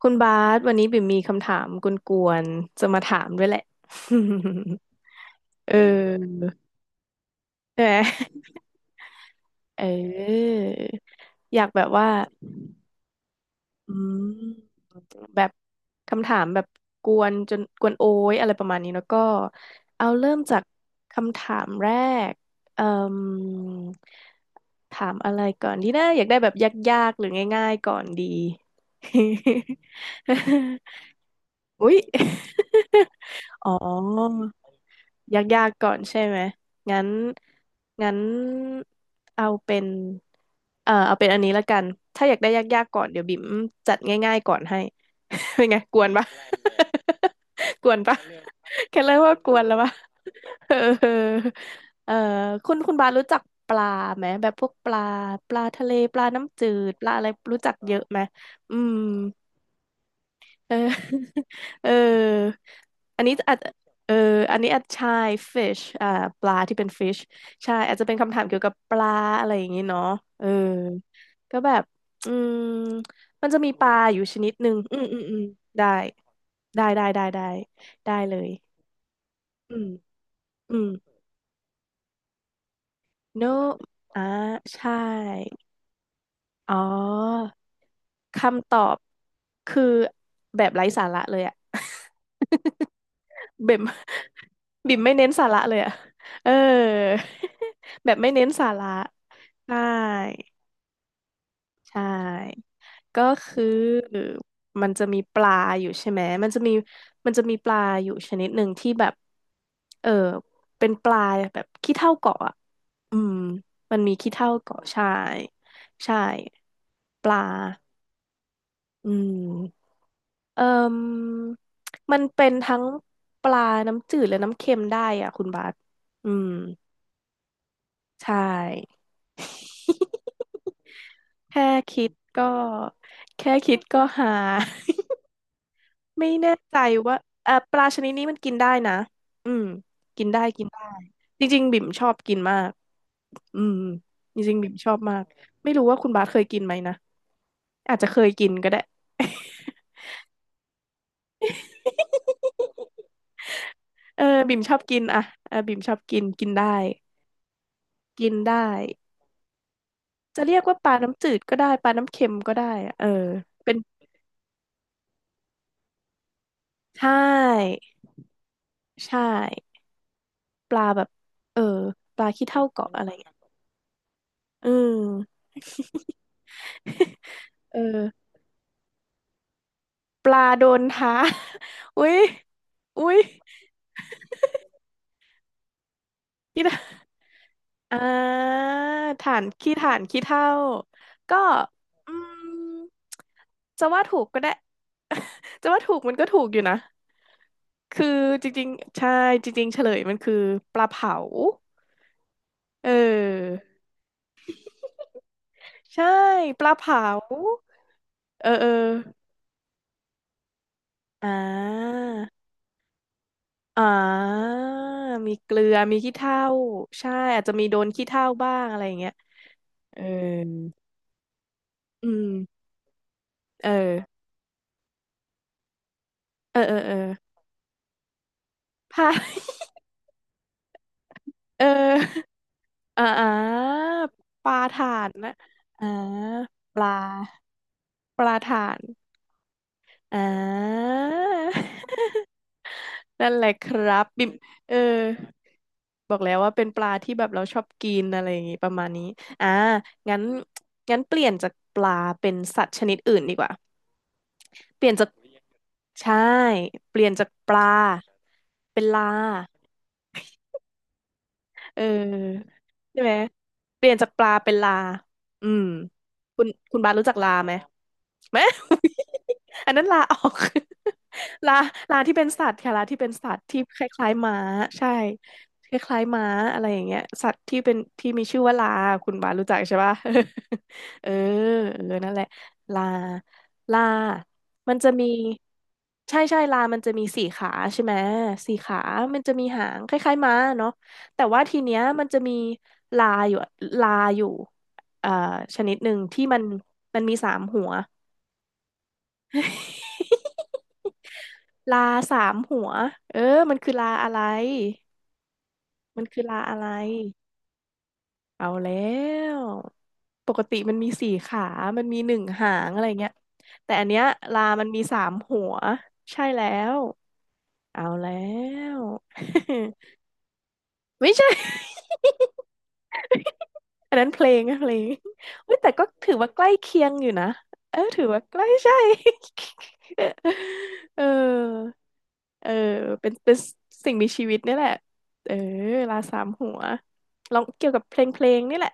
คุณบาสวันนี้บิ่มมีคำถามกวนๆจะมาถามด้วยแหละ เออใช่ไหมเอออยากแบบว่าอืมแบบคำถามแบบกวนจนกวนโอ้ยอะไรประมาณนี้แล้วก็เอาเริ่มจากคำถามแรกเอ่มถามอะไรก่อนดีนะอยากได้แบบยากๆหรือง่ายๆก่อนดี อุ๊ย อ๋อ ยากๆก่อนใช่ไหม งั้นงั้นเอาเป็นเอาเป็นอันนี้ละกัน ถ้าอยากได้ยากๆก่อนเดี๋ยวบิ่มจัดง่ายๆก่อนให้ เป็นไงกวนปะ กวนปะแค่เริ่มกว่ากวนแล้วยปะเออเออเออคุณบาสรู้จักปลาไหมแบบพวกปลาทะเลปลาน้ำจืดปลาอะไรรู้จักเยอะไหมอืม เออ เอออันนี้อาจเอออันนี้อาจใช่ fish อ่าปลาที่เป็น fish ใช่อาจจะเป็นคำถามเกี่ยวกับปลาอะไรอย่างนี้เนาะเออก็แบบอืมมันจะมีปลาอยู่ชนิดหนึ่ง ได้ได้ได้ ได้ ได้ได้เลย อืมอืม no อ่าใช่ อ๋อคำตอบคือแบบไร้สาระเลยอะ เบม บิ่มไม่เน้นสาระเลยอ่ะเออ แบบไม่เน้นสาระใช่ใช่ก็คือมันจะมีปลาอยู่ใช่ไหมมันจะมีปลาอยู่ชนิดหนึ่งที่แบบเออเป็นปลาแบบขี้เถ้าเกาะอะอืมมันมีขี้เถ้าเกาะใช่ใช่ปลาอืมเอ่มมันเป็นทั้งปลาน้ำจืดและน้ำเค็มได้อ่ะคุณบาสอืม ใช่ แค่คิดก็ แค่คิดก็หา ไม่แน่ใจว่าปลาชนิดนี้มันกินได้นะอืมกินได้ จริงๆบิ่มชอบกินมาก อืมจริงๆบิ่มชอบมาก ไม่รู้ว่าคุณบาสเคยกินไหมนะอาจจะเคยกินก็ได้ เออบิ่มชอบกินอะเออบิ่มชอบกินกินได้กินได้จะเรียกว่าปลาน้ำจืดก็ได้ปลาน้ำเค็มก็ได้อะเออเป็นใช่ใช่ ปลาแบบเออปลาขี้เถ้าเกาะอะไรเงี้ยอืมเออปลาโดนท้า อุ๊ยอุ๊ยขี้เถ้า อ่าถ่านขี้ถ่านขี้เถ้าก็อืมจะว่าถูกก็ได้ จะว่าถูกมันก็ถูกอยู่นะคือจริงๆใช่จริงๆเฉลยมันคือปลาเผาเออใช่ปลาเผาเออเอออ่า อ่ามีเกลือ มีขี้เถ้าใช่อาจจะมีโดนขี้เถ้าบ้างอะไรอย่างเงี้ยเอออืมเออเออ ผ้า เอออ่าอ่าปลาถ่านนะอ่าปลา ปลาถ่านอ่า นั่นแหละครับบิมเออบอกแล้วว่าเป็นปลาที่แบบเราชอบกินอะไรอย่างงี้ประมาณนี้อ่างั้นงั้นเปลี่ยนจากปลาเป็นสัตว์ชนิดอื่นดีกว่า เปลี่ยนจากใช่เปลี่ยนจากปลาเป็นลา เออใช่ไหมเปลี่ยนจากปลาเป็นลาอืมคุณคุณบาสรู้จักลาไหม อันนั้นลาออก ลาลาที่เป็นสัตว์ค่ะลาที่เป็นสัตว์ที่คล้ายๆม้าใช่คล้ายๆม้าอะไรอย่างเงี้ยสัตว์ที่เป็นที่มีชื่อว่าลาคุณบาสรู้จักใช่ปะ เออเออนั่นแหละลาลามันจะมีใช่ใช่ลามันจะมีสี่ขาใช่ไหมสี่ขามันจะมีหางคล้ายๆม้าเนาะ แต่ว่าทีเนี้ยมันจะมีลาอยู่ลาอยู่เอ่อชนิดหนึ่งที่มันมีสามหัว ลาสามหัวเออมันคือลาอะไรมันคือลาอะไรเอาแล้วปกติมันมีสี่ขามันมีหนึ่งหางอะไรเงี้ยแต่อันเนี้ยลามันมีสามหัวใช่แล้วเอาแล้ว ไม่ใช่ อันนั้นเพลงนะเพลงอุ้ยแต่ก็ถือว่าใกล้เคียงอยู่นะเออถือว่าใกล้ใช่ เออเออเป็นสิ่งมีชีวิตนี่แหละ เออลาสามหัวร้องเกี่ยวกับเพลงเพลงนี่แหละ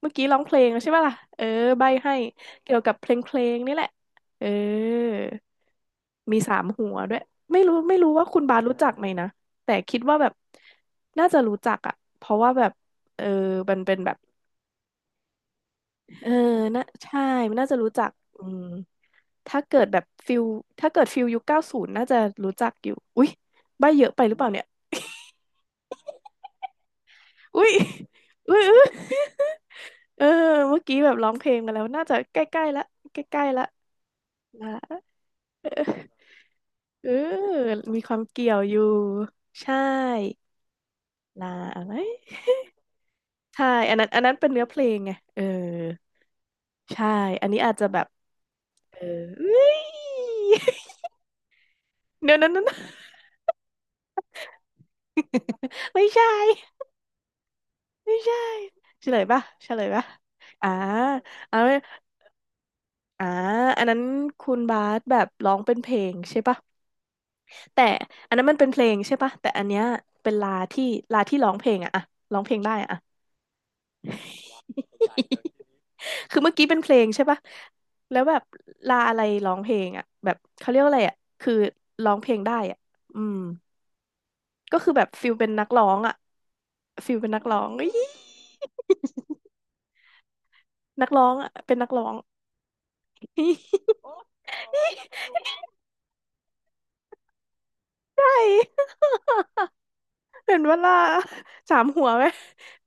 เมื่อกี้ร้องเพลงแล้วใช่ป่ะล่ะเออใบให้เกี่ยวกับเพลงเพลงนี่แหละเออมีสามหัวด้วยไม่รู้ว่าคุณบาสรู้จักไหมนะแต่คิดว่าแบบน่าจะรู้จักอ่ะเพราะว่าแบบเออมันเป็นแบบ เออน่าใช่มันน่าจะรู้จักอืมถ้าเกิดแบบฟิลถ้าเกิดฟิลยุคเก้าศูนย์น่าจะรู้จักอยู่อุ๊ยใบ้เยอะไปหรือเปล่าเนี่ยอุ๊ยอุ๊ยเออเมื่อกี้แบบร้องเพลงมาแล้วน่าจะใกล้ๆละใกล้ๆละนะเออเออมีความเกี่ยวอยู่ใช่ลาอะไรใช่อันนั้นเป็นเนื้อเพลงไงเออใช่อันนี้อาจจะแบบเอออุ๊ย เดี๋ยวนั้น ไม่ใช่ ไม่ใช่เฉลยปะเฉลยปะอ่าอ่าไม่อ่าอันนั้นคุณบาสแบบร้องเป็นเพลงใช่ปะแต่อันนั้นมันเป็นเพลงใช่ป่ะแต่อันเนี้ยเป็นลาที่ร้องเพลงอะอะร้องเพลงได้อะอะ คือเมื่อกี้เป็นเพลงใช่ปะแล้วแบบลาอะไรร้องเพลงอะแบบเขาเรียกว่าอะไรอะคือร้องเพลงได้อะอืมก็คือแบบฟิลเป็นนักร้องอะฟิลเป็นนักร้อง นักร้องอะเป็นนักร้อง ใช่ เห็นเวลาสามหัวไหม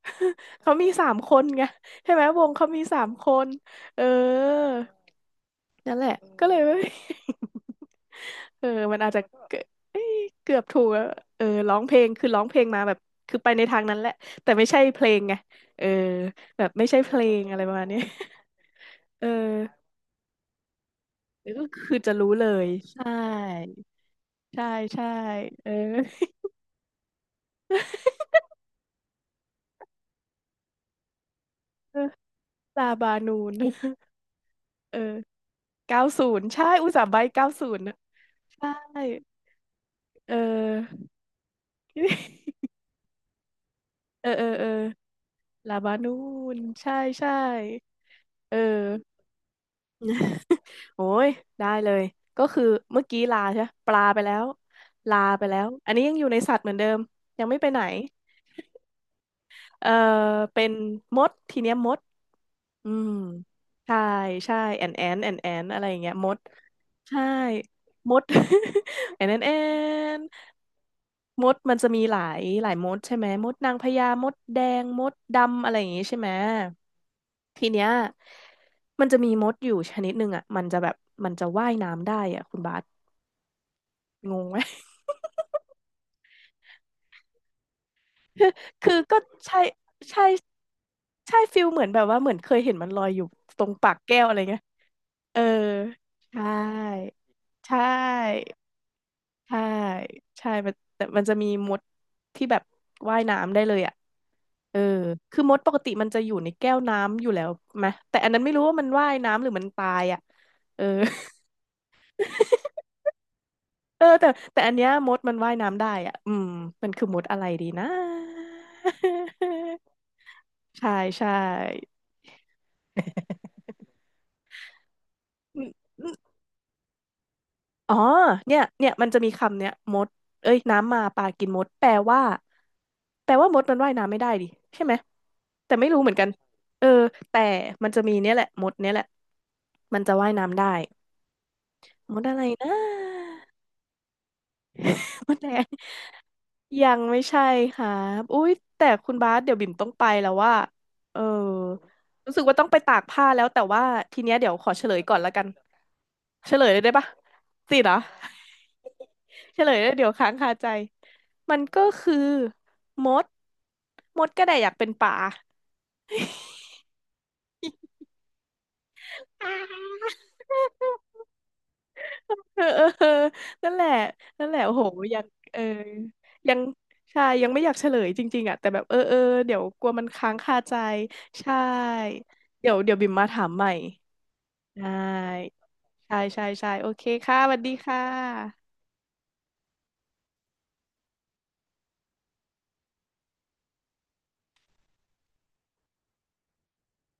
เขามีสามคนไงใช่ไหมวงเขามีสามคน เออ นั่นแหละก็เลยไม่ เออมันอาจจะเกเอ้ยเกือบถูกอะเออร้องเพลงคือร้องเพลงมาแบบคือไปในทางนั้นแหละ แต่ไม่ใช่เพลงไงเออ แบบไม่ใช่เพลงอะไรประมาณนี้ เออเดี๋ยวก็คือจะรู้เลย ใช่ ใช่ใช่ เออ ลาบานูนเออ เก้าศูนย์ใช่อุตส่าห์ใบ้เก้าศูนย์นะใช่เออ เออเออเออลาบานูนใช่ใช่เออ โอ้ยได้เลยก็คือเมื่อกี้ลาใช่ปะปลาไปแล้วลาไปแล้วอันนี้ยังอยู่ในสัตว์เหมือนเดิมยังไม่ไปไหนเออเป็นมดทีเนี้ยมดอืมใช่ใช่แอนแอนแอนแอนอะไรอย่างเงี้ยมดใช่มด แอนแอนแอน มดมันจะมีหลายมดใช่ไหมมดนางพญามดแดงมดดำอะไรอย่างงี้ใช่ไหมทีเนี้ยมันจะมีมดอยู่ชนิดหนึ่งอ่ะมันจะแบบมันจะว่ายน้ำได้อ่ะคุณบาสงงไหมคือ คือก็ใช่ใช่ใช่ฟิลเหมือนแบบว่าเหมือนเคยเห็นมันลอยอยู่ตรงปากแก้วอะไรเงี้ยเออใช่ใช่ใช่ใช่มันแต่มันจะมีมดที่แบบว่ายน้ำได้เลยอ่ะ เออคือมดปกติมันจะอยู่ในแก้วน้ำอยู่แล้วไหมแต่อันนั้นไม่รู้ว่ามันว่ายน้ำหรือมันตายอ่ะเออ เออแต่แต่อันเนี้ยมดมันว่ายน้ำได้อ่ะอืมมันคือมดอะไรดีนะ ใช่ใช่อืมอืมอ๋อเนี่ยเนี่ยมันจะมีคำเนี้ยมดเอ้ยน้ำมาปลากินมดแปลว่าแปลว่ามดมันว่ายน้ำไม่ได้ดิใช่ไหมแต่ไม่รู้เหมือนกันเออแต่มันจะมีเนี่ยแหละมดเนี่ยแหละมันจะว่ายน้ำได้ มดอะไรนะ มดแดงยังไม่ใช่ค่ะอุ๊ยแต่คุณบาสเดี๋ยวบิ่มต้องไปแล้วว่า เออรู้สึกว่าต้องไปตากผ้าแล้วแต่ว่าทีเนี้ยเดี๋ยวขอเฉลยก่อนละกัน เฉลยเลยได้ปะสิเหรอเฉลยแล้วเดี๋ยวค้างคาใจ มันก็คือมด มดก็ได้อยากเป็นป่า เออ เออเออนั่นแหละ นั่นแหละโอ้โห ยังเออยัง ใช่ ยังไม่อยากเฉลยจริงๆอ่ะแต่แบบ เออเออเดี๋ยวกลัวมันค้างคาใจ ใช่ เดี๋ยวเดี๋ยวบิ่มมาถามใหม่ได้ใช่ใช่ใช่โอเคค่ะสวัสดีค่ะ